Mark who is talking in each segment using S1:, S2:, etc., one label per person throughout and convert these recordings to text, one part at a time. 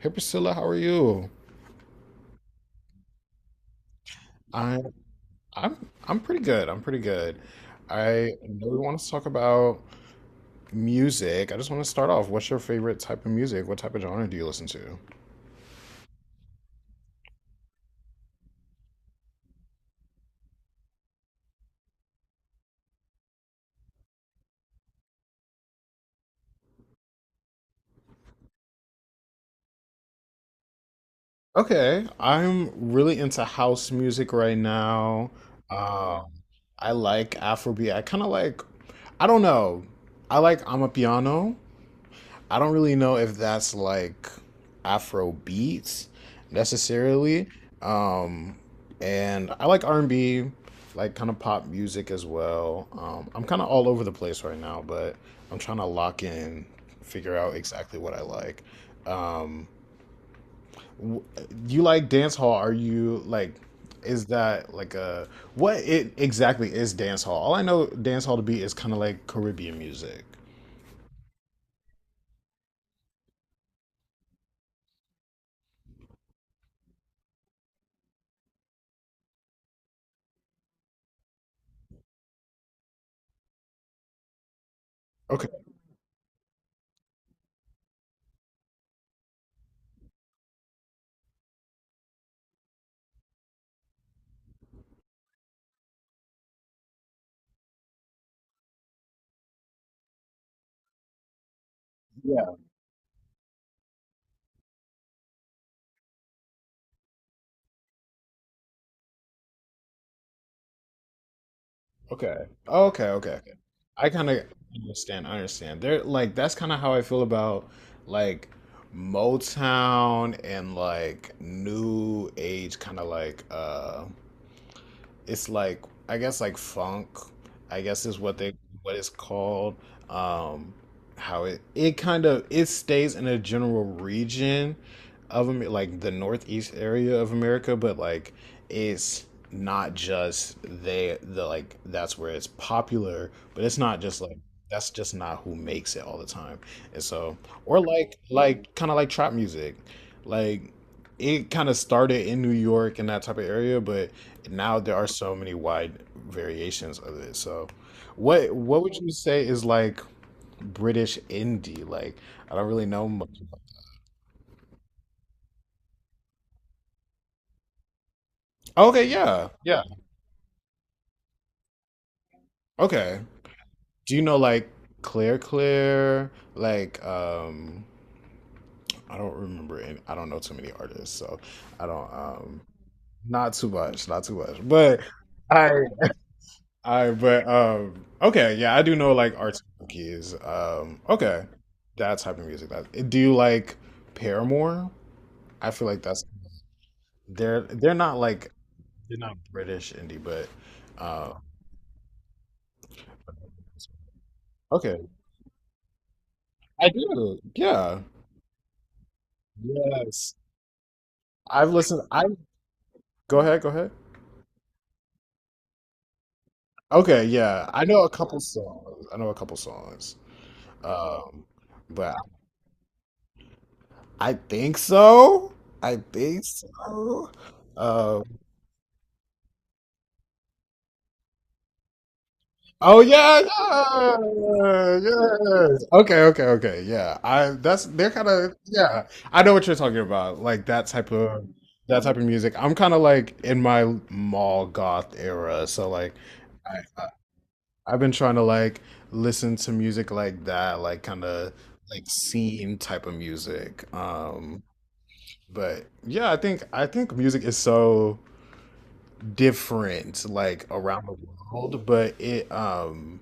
S1: Hey Priscilla, how are you? I'm I'm I'm pretty good. I'm pretty good. I know we want to talk about music. I just want to start off. What's your favorite type of music? What type of genre do you listen to? Okay, I'm really into house music right now. Um, I like Afrobeat. I kind of like, I don't know. I like Amapiano. I don't really know if that's like Afro beats necessarily. Um, and I like R and B, like kind of pop music as well. I'm kind of all over the place right now, but I'm trying to lock in, figure out exactly what I like. Um, you like dance hall? Are you like? Is that like a what it exactly is dance hall? All I know dance hall to be is kind of like Caribbean music. Okay. Okay. Oh, okay, okay, okay. I kind of understand. I understand. They're like that's kind of how I feel about like Motown and like new age kind of like it's like I guess like funk, I guess is what they what it's called. Um, how it kind of it stays in a general region of Amer- like the northeast area of America, but like it's not just they the like that's where it's popular, but it's not just like that's just not who makes it all the time. And so or like kind of like trap music. Like it kind of started in New York and that type of area, but now there are so many wide variations of it. So, what would you say is like British indie? Like, I don't really know much. Okay, yeah, yeah. Okay. Do you know like Clear? Like, I don't remember. Any, I don't know too many artists, so I don't. Not too much, not too much. But I, but okay, yeah, I do know like arts monkeys. Okay, that type of music. That do you like Paramore? I feel like that's they're not like they're not British indie, but uh, okay, I do. Yeah, yes. I've listened. I go ahead, go ahead. Okay, yeah, I know a couple songs. I know a couple songs. Um, but I think so. I think so. Um, Oh yeah, yeah, yes. Okay, okay, okay. Yeah, I that's they're kind of yeah. I know what you're talking about, like that type of music. I'm kind of like in my mall goth era, so like I, I I've been trying to like listen to music like that, like kind of like scene type of music. But yeah, I think music is so different, like around the world, but it.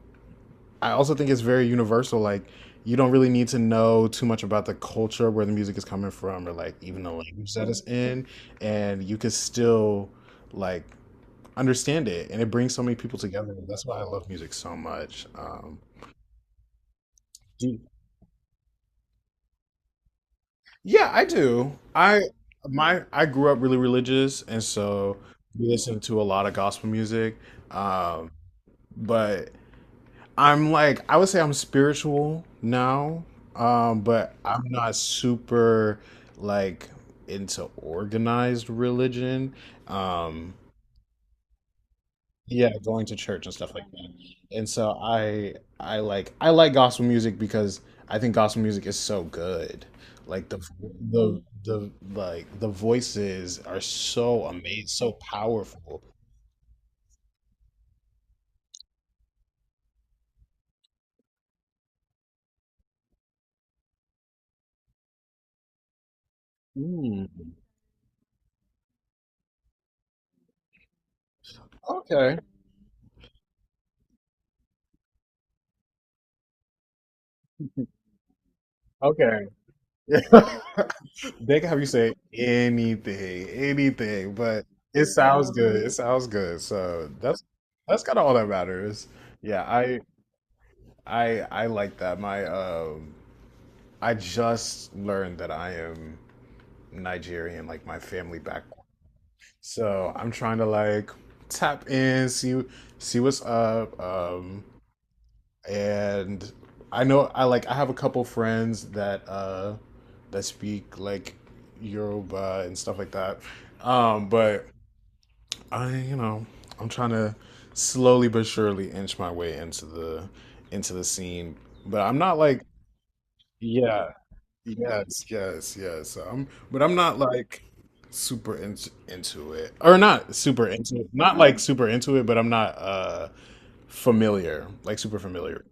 S1: I also think it's very universal. Like, you don't really need to know too much about the culture where the music is coming from, or like even the language that it's in, and you can still like understand it. And it brings so many people together. That's why I love music so much. Do- yeah, I do. I my I grew up really religious, and so we listened to a lot of gospel music. Um, but I'm like I would say I'm spiritual now, but I'm not super like into organized religion. Um, yeah, going to church and stuff like that. And so I like gospel music because I think gospel music is so good. Like the like the voices are so amazing, so powerful. Mm, okay. Okay. they can have you say anything, anything, but it sounds good. It sounds good. So that's kind of all that matters. Yeah, I like that. My I just learned that I am Nigerian, like my family background. So I'm trying to like tap in, see what's up. And I know I like I have a couple friends that that speak like Yoruba and stuff like that. But I, you know, I'm trying to slowly but surely inch my way into the scene. But I'm not like yeah, yes, yes, yes. But I'm not like super into it or not super into it. Not like super into it, but I'm not familiar, like super familiar.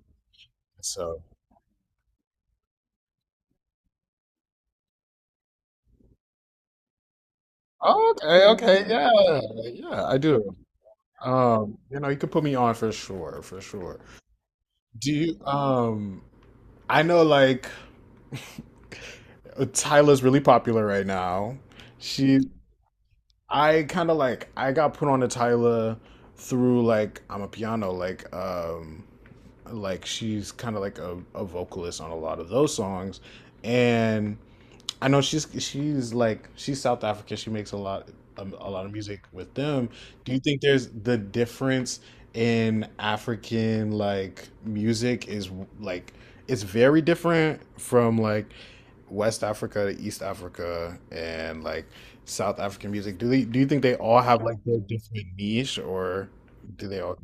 S1: So. Okay, okay, yeah, yeah, I do. You know, you could put me on for sure, for sure. Do you, I know like Tyla's really popular right now. She, I kind of like, I got put on to Tyla through like, I'm a piano, like she's kind of like a vocalist on a lot of those songs. And I know she's like she's South African. She makes a lot of music with them. Do you think there's the difference in African like music is like it's very different from like West Africa to East Africa and like South African music? Do they do you think they all have like their different niche or do they all?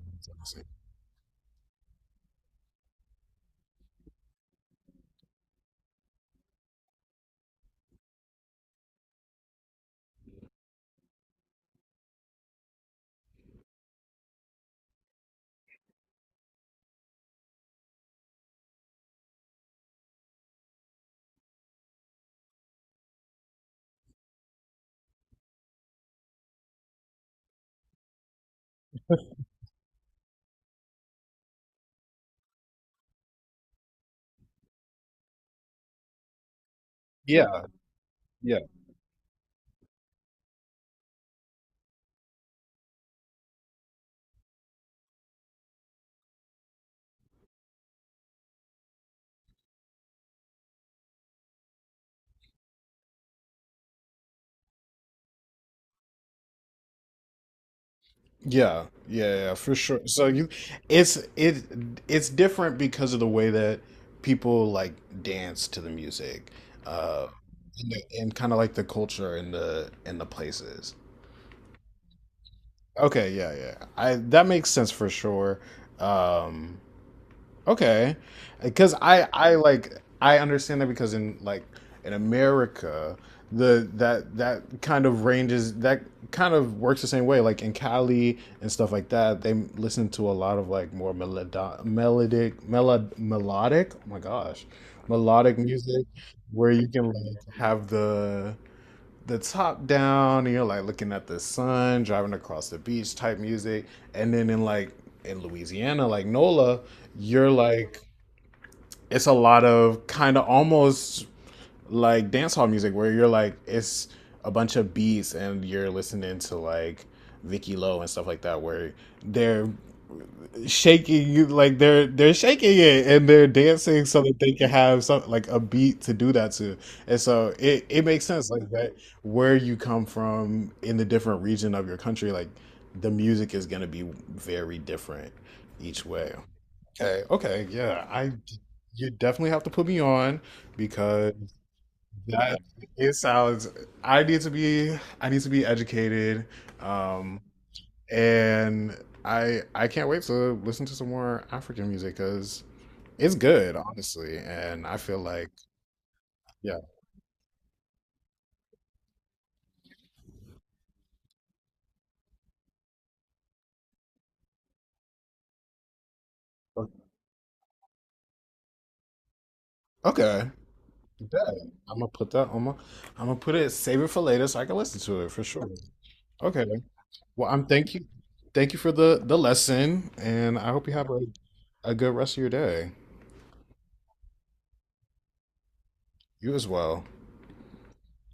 S1: Yeah, yeah. Yeah, yeah, yeah, yeah, for sure. So you, it's it it's different because of the way that people like dance to the music, uh, and, and kind of like the culture and the places. Okay, yeah, yeah. I that makes sense for sure. Um, okay, because I like I understand that because in like in America the that that kind of ranges that kind of works the same way like in Cali and stuff like that they listen to a lot of like more melodic oh my gosh melodic music where you can like have the top down, you know, like looking at the sun, driving across the beach type music. And then in like in Louisiana, like NOLA, you're like it's a lot of kind of almost like dancehall music where you're like it's a bunch of beats and you're listening to like Vicky Lowe and stuff like that where they're shaking you like they're shaking it and they're dancing so that they can have some like a beat to do that to and so it makes sense like that where you come from in the different region of your country like the music is going to be very different each way okay okay yeah I you definitely have to put me on because that it sounds. I need to be. I need to be educated, um, and I can't wait to listen to some more African music because it's good, honestly. And I feel like yeah. Okay. Yeah. I'm gonna put that on my. I'm gonna put it. Save it for later so I can listen to it for sure. Okay. Well, I'm thank you. Thank you for the lesson, and I hope you have a good rest of your day. You as well.